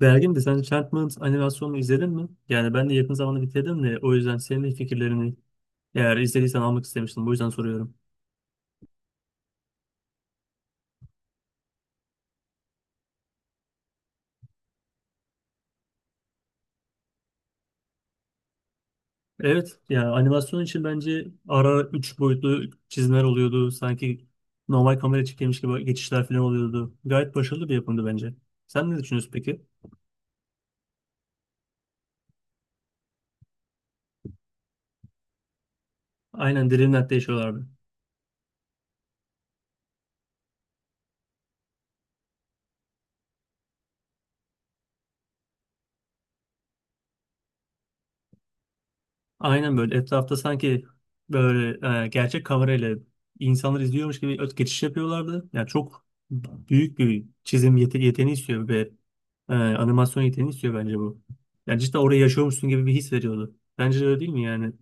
Bergin de sen Enchantment animasyonunu izledin mi? Yani ben de yakın zamanda bitirdim de o yüzden senin de fikirlerini eğer izlediysen almak istemiştim. Bu yüzden soruyorum. Evet, yani animasyon için bence ara ara 3 boyutlu çizimler oluyordu. Sanki normal kamera çekilmiş gibi geçişler falan oluyordu. Gayet başarılı bir yapımdı bence. Sen ne düşünüyorsun peki? Aynen, Dreamland'de yaşıyorlardı. Aynen, böyle etrafta sanki böyle gerçek kamerayla insanlar izliyormuş gibi öt geçiş yapıyorlardı. Yani çok büyük bir çizim yeteneği istiyor ve animasyon yeteneği istiyor bence bu. Yani cidden orayı yaşıyormuşsun gibi bir his veriyordu. Bence de öyle değil mi yani?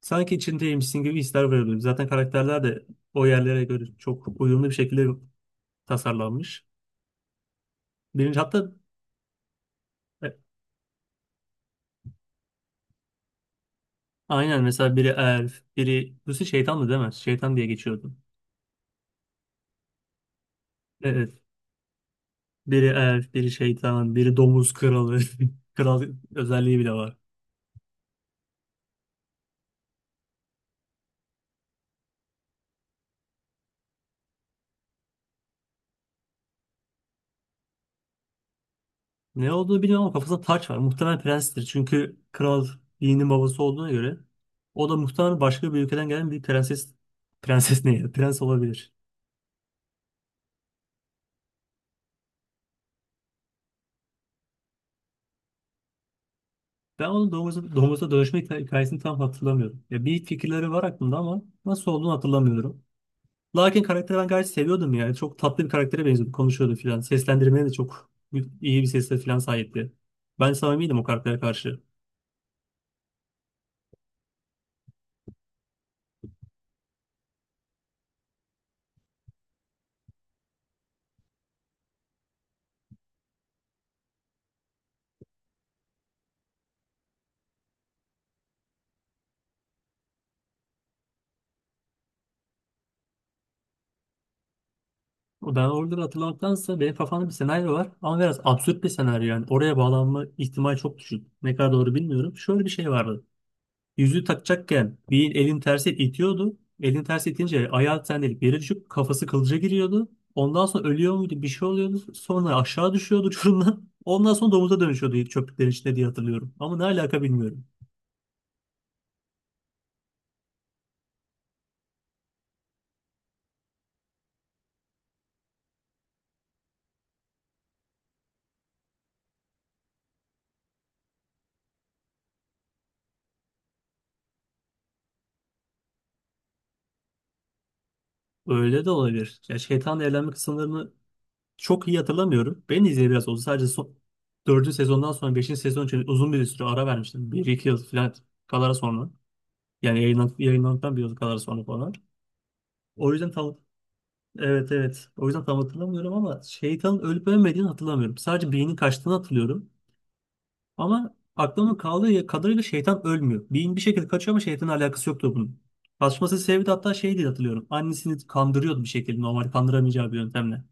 Sanki içindeymişsin gibi hisler veriyordu. Zaten karakterler de o yerlere göre çok uyumlu bir şekilde tasarlanmış. Birinci hatta e, aynen, mesela biri elf, biri Lucy şeytandı değil mi? Şeytan diye geçiyordu. Evet. Biri elf, biri şeytan, biri domuz kralı. Kral özelliği bile var. Ne olduğunu bilmiyorum ama kafasında taç var. Muhtemelen prenstir. Çünkü kral Yiğit'in babası olduğuna göre o da muhtemelen başka bir ülkeden gelen bir prenses ne ya? Prens olabilir. Ben onun domuza dönüşme hikayesini tam hatırlamıyorum. Ya bir fikirleri var aklımda ama nasıl olduğunu hatırlamıyorum. Larkin karakteri ben gayet seviyordum yani. Çok tatlı bir karaktere benziyordu. Konuşuyordu filan. Seslendirmeye de çok iyi bir sesle filan sahipti. Ben samimiydim o karaktere karşı. O ben oraları hatırlamaktansa benim kafamda bir senaryo var ama biraz absürt bir senaryo yani. Oraya bağlanma ihtimali çok düşük. Ne kadar doğru bilmiyorum. Şöyle bir şey vardı. Yüzüğü takacakken bir elin tersi itiyordu. Elin tersi itince ayağı sendelik yere düşüp kafası kılıca giriyordu. Ondan sonra ölüyor muydu bir şey oluyordu. Sonra aşağı düşüyordu uçurumdan. Ondan sonra domuza dönüşüyordu çöplüklerin içinde diye hatırlıyorum. Ama ne alaka bilmiyorum. Öyle de olabilir. Ya şeytanla evlenme kısımlarını çok iyi hatırlamıyorum. Ben de izleyeli biraz oldu. 4. sezondan sonra beşinci sezon için uzun bir süre ara vermiştim. Bir iki yıl falan kadar sonra. Yani yayınlandıktan bir yıl kadar sonra falan. O yüzden tam. Evet, evet. O yüzden tam hatırlamıyorum ama şeytanın ölüp ölmediğini hatırlamıyorum. Sadece beynin kaçtığını hatırlıyorum. Ama aklımda kaldığı kadarıyla şeytan ölmüyor. Beyin bir şekilde kaçıyor ama şeytanın alakası yoktu bunun. Kaçması sebebi de hatta şey diye hatırlıyorum. Annesini kandırıyordu bir şekilde normal kandıramayacağı bir yöntemle.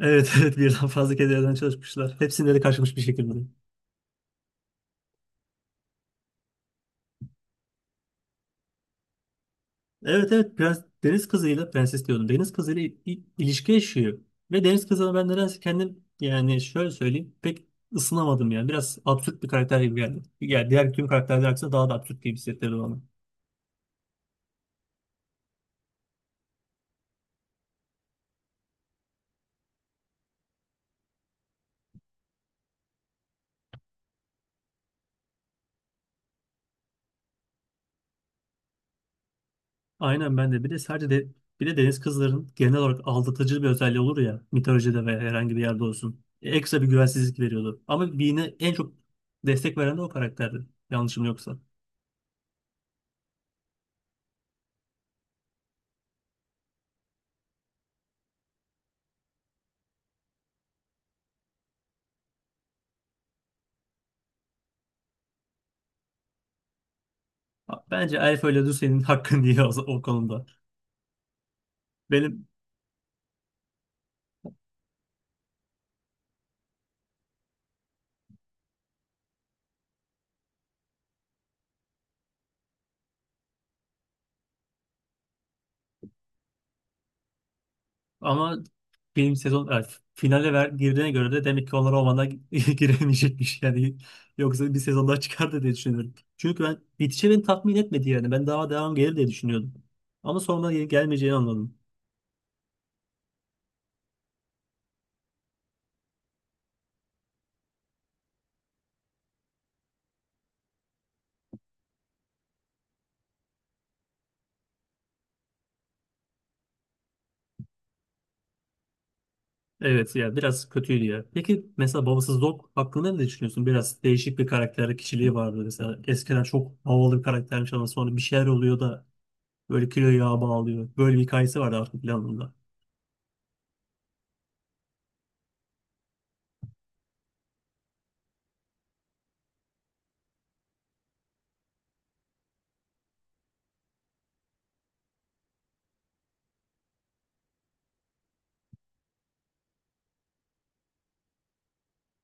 Evet, evet, birden fazla kez evden çalışmışlar. Hepsinde de kaçmış bir şekilde. Evet evet, deniz kızıyla prenses diyordum. Deniz kızıyla ilişki yaşıyor. Ve deniz kızına ben nedense kendim yani şöyle söyleyeyim pek ısınamadım yani. Biraz absürt bir karakter gibi geldi. Yani diğer tüm karakterler aksine daha da absürt gibi hissettirdi bana. Aynen, ben de bir de deniz kızların genel olarak aldatıcı bir özelliği olur ya mitolojide veya herhangi bir yerde olsun. Ekstra bir güvensizlik veriyordu. Ama Bean'e en çok destek veren de o karakterdi. Yanlışım yoksa. Bence Elf ile Lucy'nin hakkını diye o konuda. Benim Ama film sezon yani girdiğine göre de demek ki onlar o giremeyecekmiş yani. Yoksa bir sezon daha çıkardı diye düşünüyorum. Çünkü ben bitişi beni tatmin etmedi yani. Ben daha devam gelir diye düşünüyordum. Ama sonra gelmeyeceğini anladım. Evet ya, biraz kötüydü ya. Peki mesela babasız Dog hakkında ne düşünüyorsun? Biraz değişik bir karakter kişiliği vardı mesela. Eskiden çok havalı bir karaktermiş ama sonra bir şeyler oluyor da böyle kilo yağa bağlıyor. Böyle bir hikayesi vardı artık planında.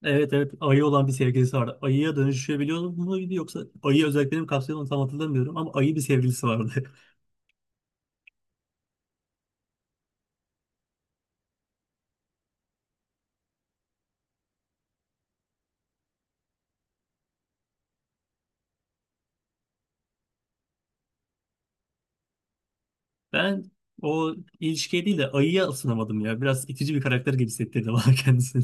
Evet evet, ayı olan bir sevgilisi vardı. Ayıya dönüşebiliyor muydu yoksa ayı özelliklerini mi kapsıyordu onu tam hatırlamıyorum ama ayı bir sevgilisi vardı. Ben o ilişkiye değil de ayıya ısınamadım ya. Biraz itici bir karakter gibi hissettirdi bana kendisini.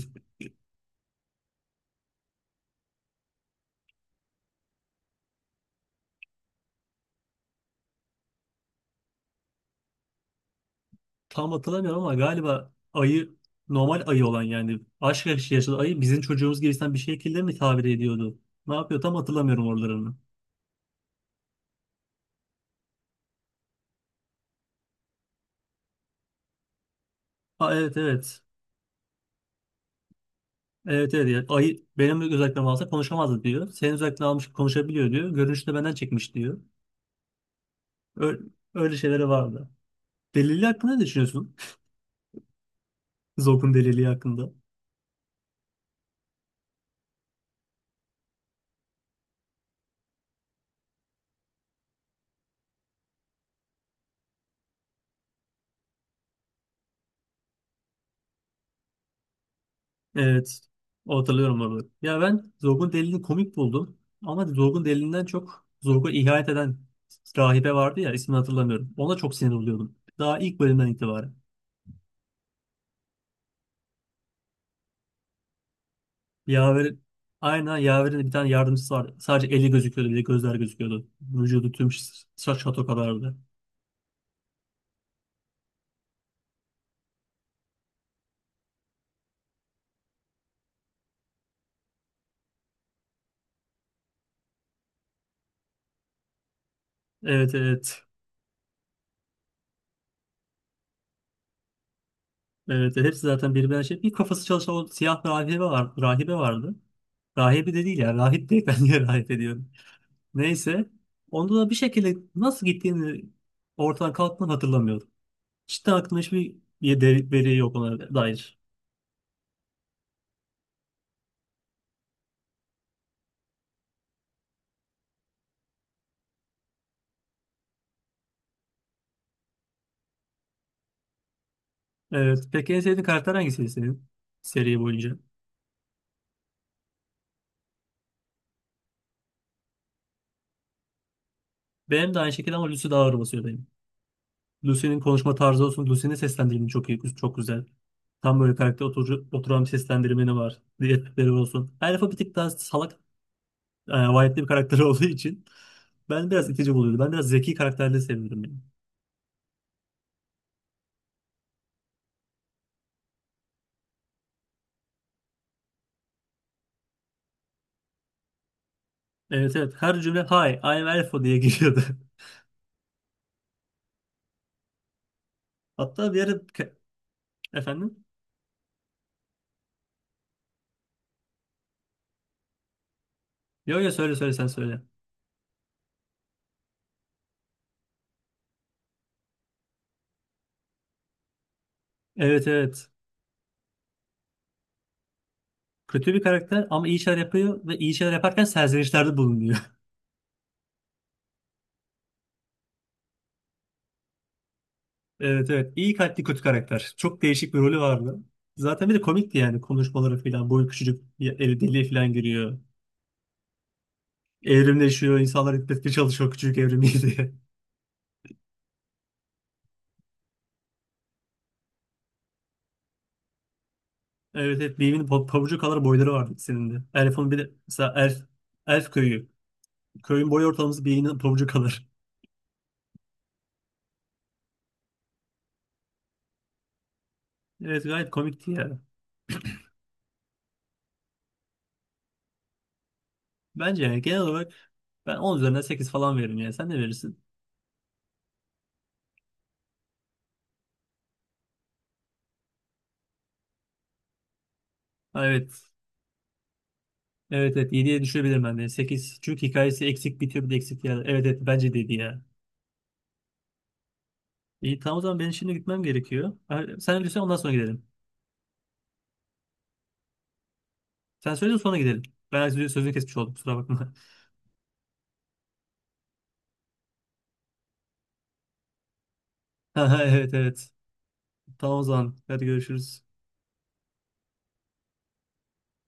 Tam hatırlamıyorum ama galiba ayı normal ayı olan yani aşk yaşlı yaşlı ayı bizim çocuğumuz gibisinden bir şekilde mi tabir ediyordu? Ne yapıyor tam hatırlamıyorum oralarını. Ha evet, evet. Evet evet. Ya, ayı benim özellikle alsa konuşamazdı diyor. Senin özellikle almış konuşabiliyor diyor. Görünüşte benden çekmiş diyor. Öyle, öyle şeyleri vardı. Delili hakkında ne düşünüyorsun? Zog'un deliliği hakkında. Evet. O hatırlıyorum orada. Ya ben Zog'un delilini komik buldum. Ama Zog'un delilinden çok Zog'a ihanet eden rahibe vardı ya, ismini hatırlamıyorum. Ona çok sinir oluyordum. Daha ilk bölümden itibaren. Yaver, aynen Yaver'in de bir tane yardımcısı vardı. Sadece eli gözüküyordu, bir de gözler gözüküyordu. Vücudu tüm saç şato kadardı. Evet, evet. Evet, evet. Hepsi zaten birbirine şey. Bir kafası çalışan o siyah rahibe var. Rahibe vardı. Rahibe de değil ya. Rahip değil, ben niye rahip ediyorum. Neyse. Onda da bir şekilde nasıl gittiğini ortadan kalktığını hatırlamıyorum. Cidden aklımda hiçbir veri yok ona dair. Evet. Peki en sevdiğin karakter hangisiydi senin seri boyunca? Benim de aynı şekilde ama Lucy daha ağır basıyor benim. Lucy'nin konuşma tarzı olsun. Lucy'nin seslendirimi çok iyi, çok güzel. Tam böyle karakter oturan bir seslendirmeni var. Diyetleri olsun. Elf'a bir tık daha salak, vahitli bir karakter olduğu için ben biraz itici buluyordum. Ben biraz zeki karakterleri seviyorum yani. Evet, evet. Her cümle hi, I'm Elfo diye giriyordu. Hatta bir ara efendim? Yo yo, söyle sen söyle. Evet, evet. Kötü bir karakter ama iyi şeyler yapıyor ve iyi şeyler yaparken serzenişlerde bulunuyor. Evet, evet. İyi kalpli kötü karakter. Çok değişik bir rolü vardı. Zaten bir de komikti yani konuşmaları falan. Boyu küçücük bir eli deliğe falan giriyor. Evrimleşiyor. İnsanlar etmeye çalışıyor küçücük evrimi diye. Evet, evet. Beam'in pabucu kadar boyları vardı ikisinin de. Elf'in bir de mesela Elf köyü. Köyün boy ortalaması Beam'in pabucu kadar. Evet, gayet komikti ya. Bence yani genel olarak ben 10 üzerinden 8 falan veririm ya. Sen ne verirsin? Ha, evet. Evet evet, 7'ye düşebilirim ben de. Sekiz çünkü hikayesi eksik bitiyor bir de eksik yer. Evet evet, bence dedi ya. İyi tamam, o zaman benim şimdi gitmem gerekiyor. Sen önce söyle ondan sonra gidelim. Sen söyle de sonra gidelim. Ben sözünü kesmiş oldum, kusura bakma. Evet, evet. Tamam o zaman. Hadi görüşürüz.